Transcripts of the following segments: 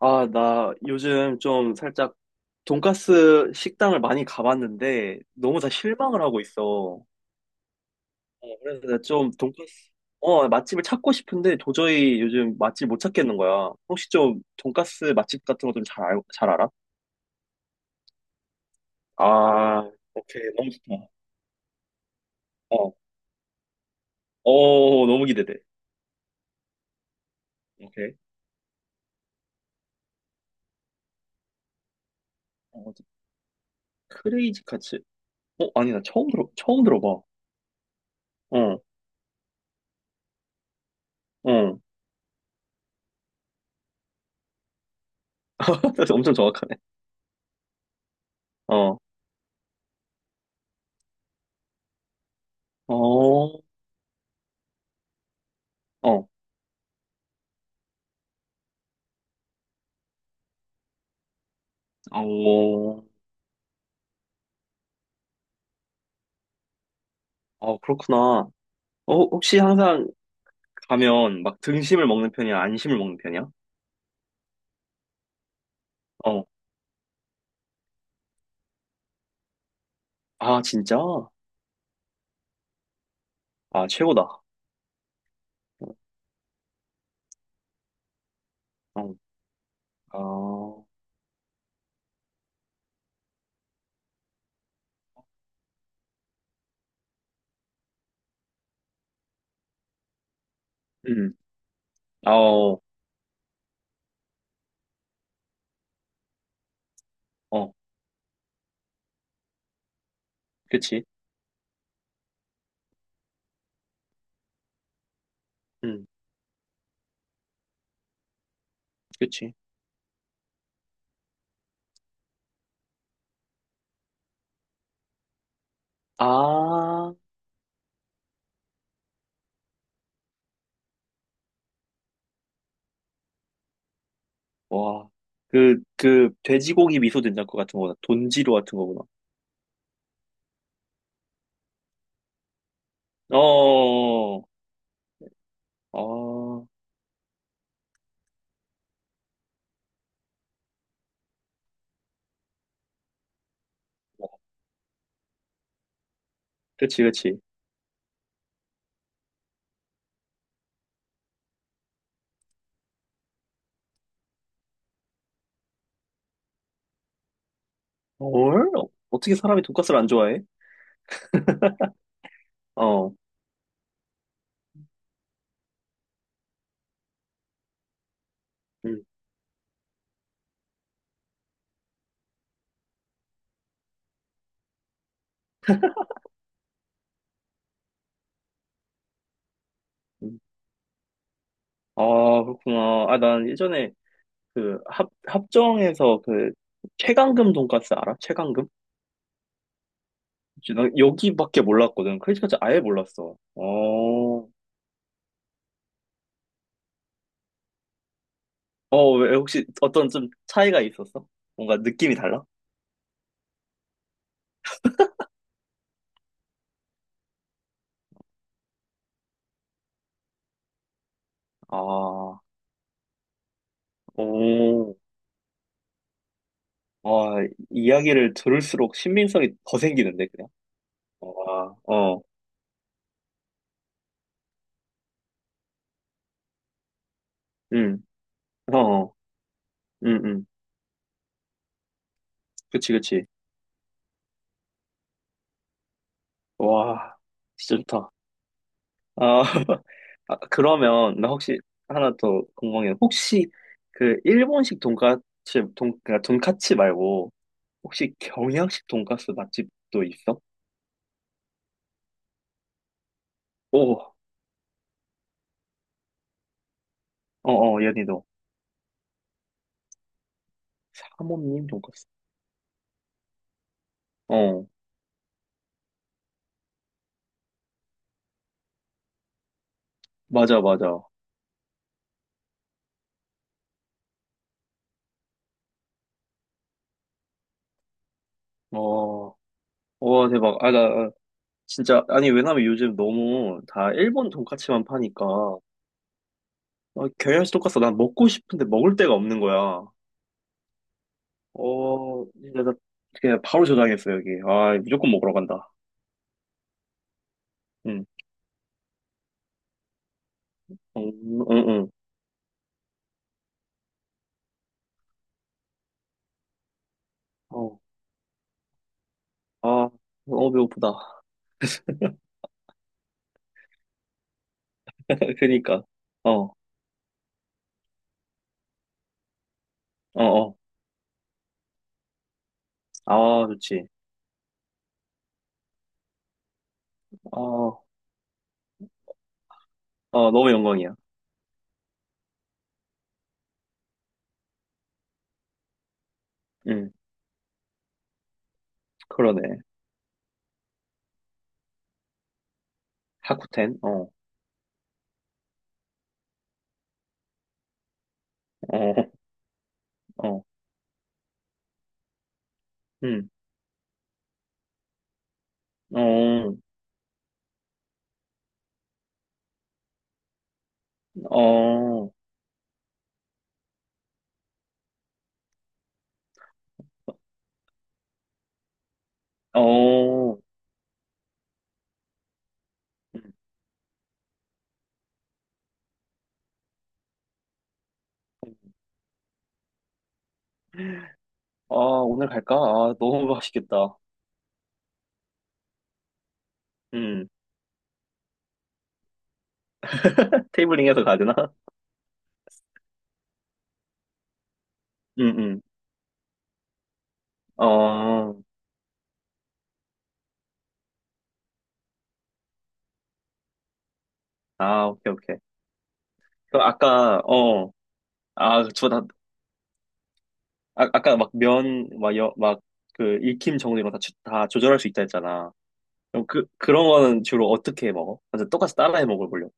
아, 나 요즘 좀 살짝 돈가스 식당을 많이 가봤는데 너무 다 실망을 하고 있어. 그래서 내가 좀 맛집을 찾고 싶은데 도저히 요즘 맛집 못 찾겠는 거야. 혹시 좀 돈가스 맛집 같은 거 좀 잘 알아? 아, 오케이. 너무 좋다. 어, 너무 기대돼. 오케이. 어, 크레이지 카츠. 아니, 나 처음 들어봐. 어, 어. 엄청 정확하네. 어, 어, 어, 어. 어, 그렇구나. 혹시 항상 가면 막 등심을 먹는 편이야? 안심을 먹는 편이야? 어. 아, 진짜? 아, 최고다. 어. 어, 아, 음. 아, 어, 어. 그치. 음, 그치. 아, 와. 그, 돼지고기 미소 된장국 같은 거구나. 돈지루 같은 거구나. 어, 어. 어. 아, 그치, 그치. 헐? 어떻게 사람이 돈가스를 안 좋아해? 어. 음, 음. 아, 그렇구나. 아, 난 예전에 그 합정에서 그 최강금 돈가스 알아? 최강금? 혹시 나 여기밖에 몰랐거든. 크리스마스 아예 몰랐어. 왜 혹시 어떤 좀 차이가 있었어? 뭔가 느낌이 달라? 아, 오, 와, 이야기를 들을수록 신빙성이 더 생기는데 그냥. 와, 어, 음, 어, 어. 음, 음, 그치, 그치. 와, 진짜 좋다. 아, 아, 그러면 나 혹시 하나 더 궁금해. 혹시 그 일본식 돈까스 돈 그러니까 돈까츠 말고 혹시 경양식 돈까스 맛집도 있어? 오, 어, 어, 연희도 하모님 돈까스. 어, 맞아, 맞아. 어, 와 대박. 아, 나 진짜 아니 왜냐면 요즘 너무 다 일본 돈까츠만 파니까 경양식 돈까스 난 먹고 싶은데 먹을 데가 없는 거야. 진짜 나 그냥 바로 저장했어 여기. 아, 무조건 먹으러 간다. 응. 응, 응. 어, 아, 배고프다. 그니까. 어, 어, 어. 아, 좋지. 어, 너무 영광이야. 응, 그러네. 하쿠텐? 어, 어, 어, 응, 어, 어, 어. 음. 아, 오늘 갈까? 아, 너무 맛있겠다. 응, 테이블링 해서 가야 되나? 응, 응. 어, 오케이, 오케이. 그럼 아까, 아, 주다 아까 막 면, 막 여, 막그 익힘 정도 이런 거 다 조절할 수 있다 했잖아. 그럼 그런 거는 주로 어떻게 해 먹어? 완전 똑같이 따라해 먹어보려고.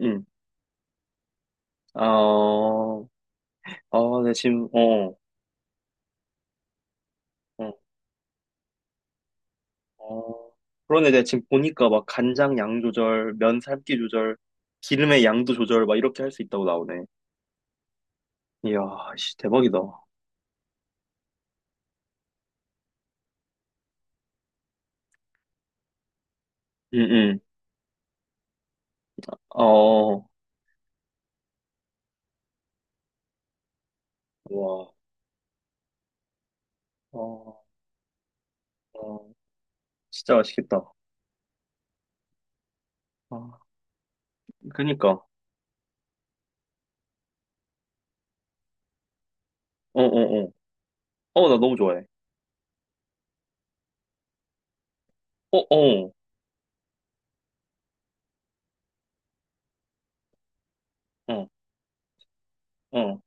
응. 어, 어, 어, 어, 어. 그런데 내가 지금 보니까 막 간장 양 조절, 면 삶기 조절, 기름의 양도 조절, 막 이렇게 할 수 있다고 나오네. 이야, 씨, 대박이다. 응, 응. 어, 와, 어, 어, 진짜 맛있겠다. 아, 그니까. 어, 어, 어. 나 너무 좋아해. 어, 어. 어, 어,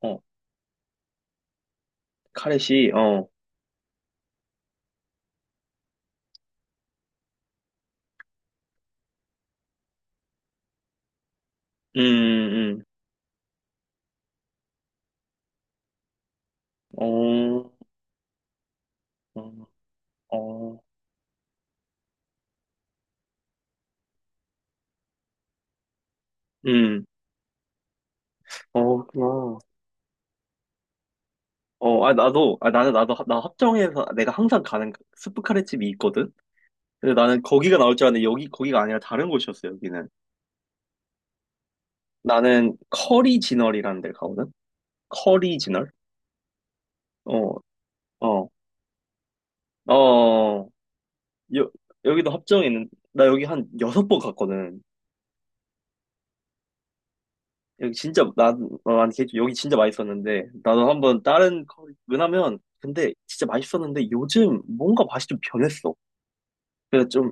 어, 카레시, 어, 음, 음, 어, 어, 어, 음, 어, 그렇구나. 어, 아, 나도, 아, 나는, 나도, 나 합정에서 내가 항상 가는 스프 카레집이 있거든? 근데 나는 거기가 나올 줄 알았는데, 여기, 거기가 아니라 다른 곳이었어, 여기는. 나는 커리 진얼이라는 데를 가거든? 커리 진얼? 어, 어, 어, 여, 여기도 합정에 있는, 나 여기 한 6번 갔거든. 여기 진짜 나 아니 개주 여기 진짜 맛있었는데 나도 왜냐면 근데 진짜 맛있었는데 요즘 뭔가 맛이 좀 변했어. 그래서 좀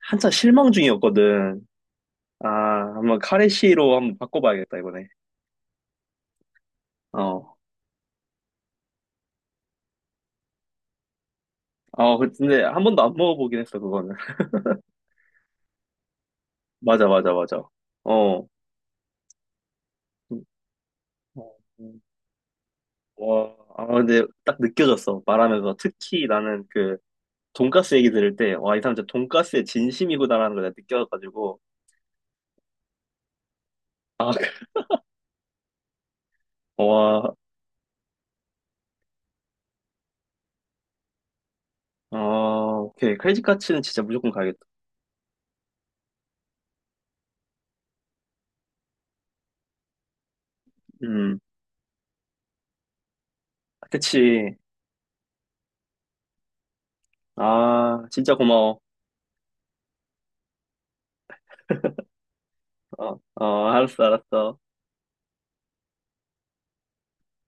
한참 실망 중이었거든. 아, 한번 카레시로 한번 바꿔봐야겠다 이번에. 어. 근데 한 번도 안 먹어보긴 했어 그거는. 맞아, 맞아, 맞아. 어. 음, 어, 와. 아, 근데 딱 느껴졌어 말하면서 특히 나는 그 돈가스 얘기 들을 때 와, 이 사람 진짜 돈가스에 진심이구나라는 걸 내가 느껴가지고. 아, 와, 아, 오케이. 크레이지 카츠는 진짜 무조건 가야겠다. 음, 그치. 아, 진짜 고마워. 알았어, 알았어.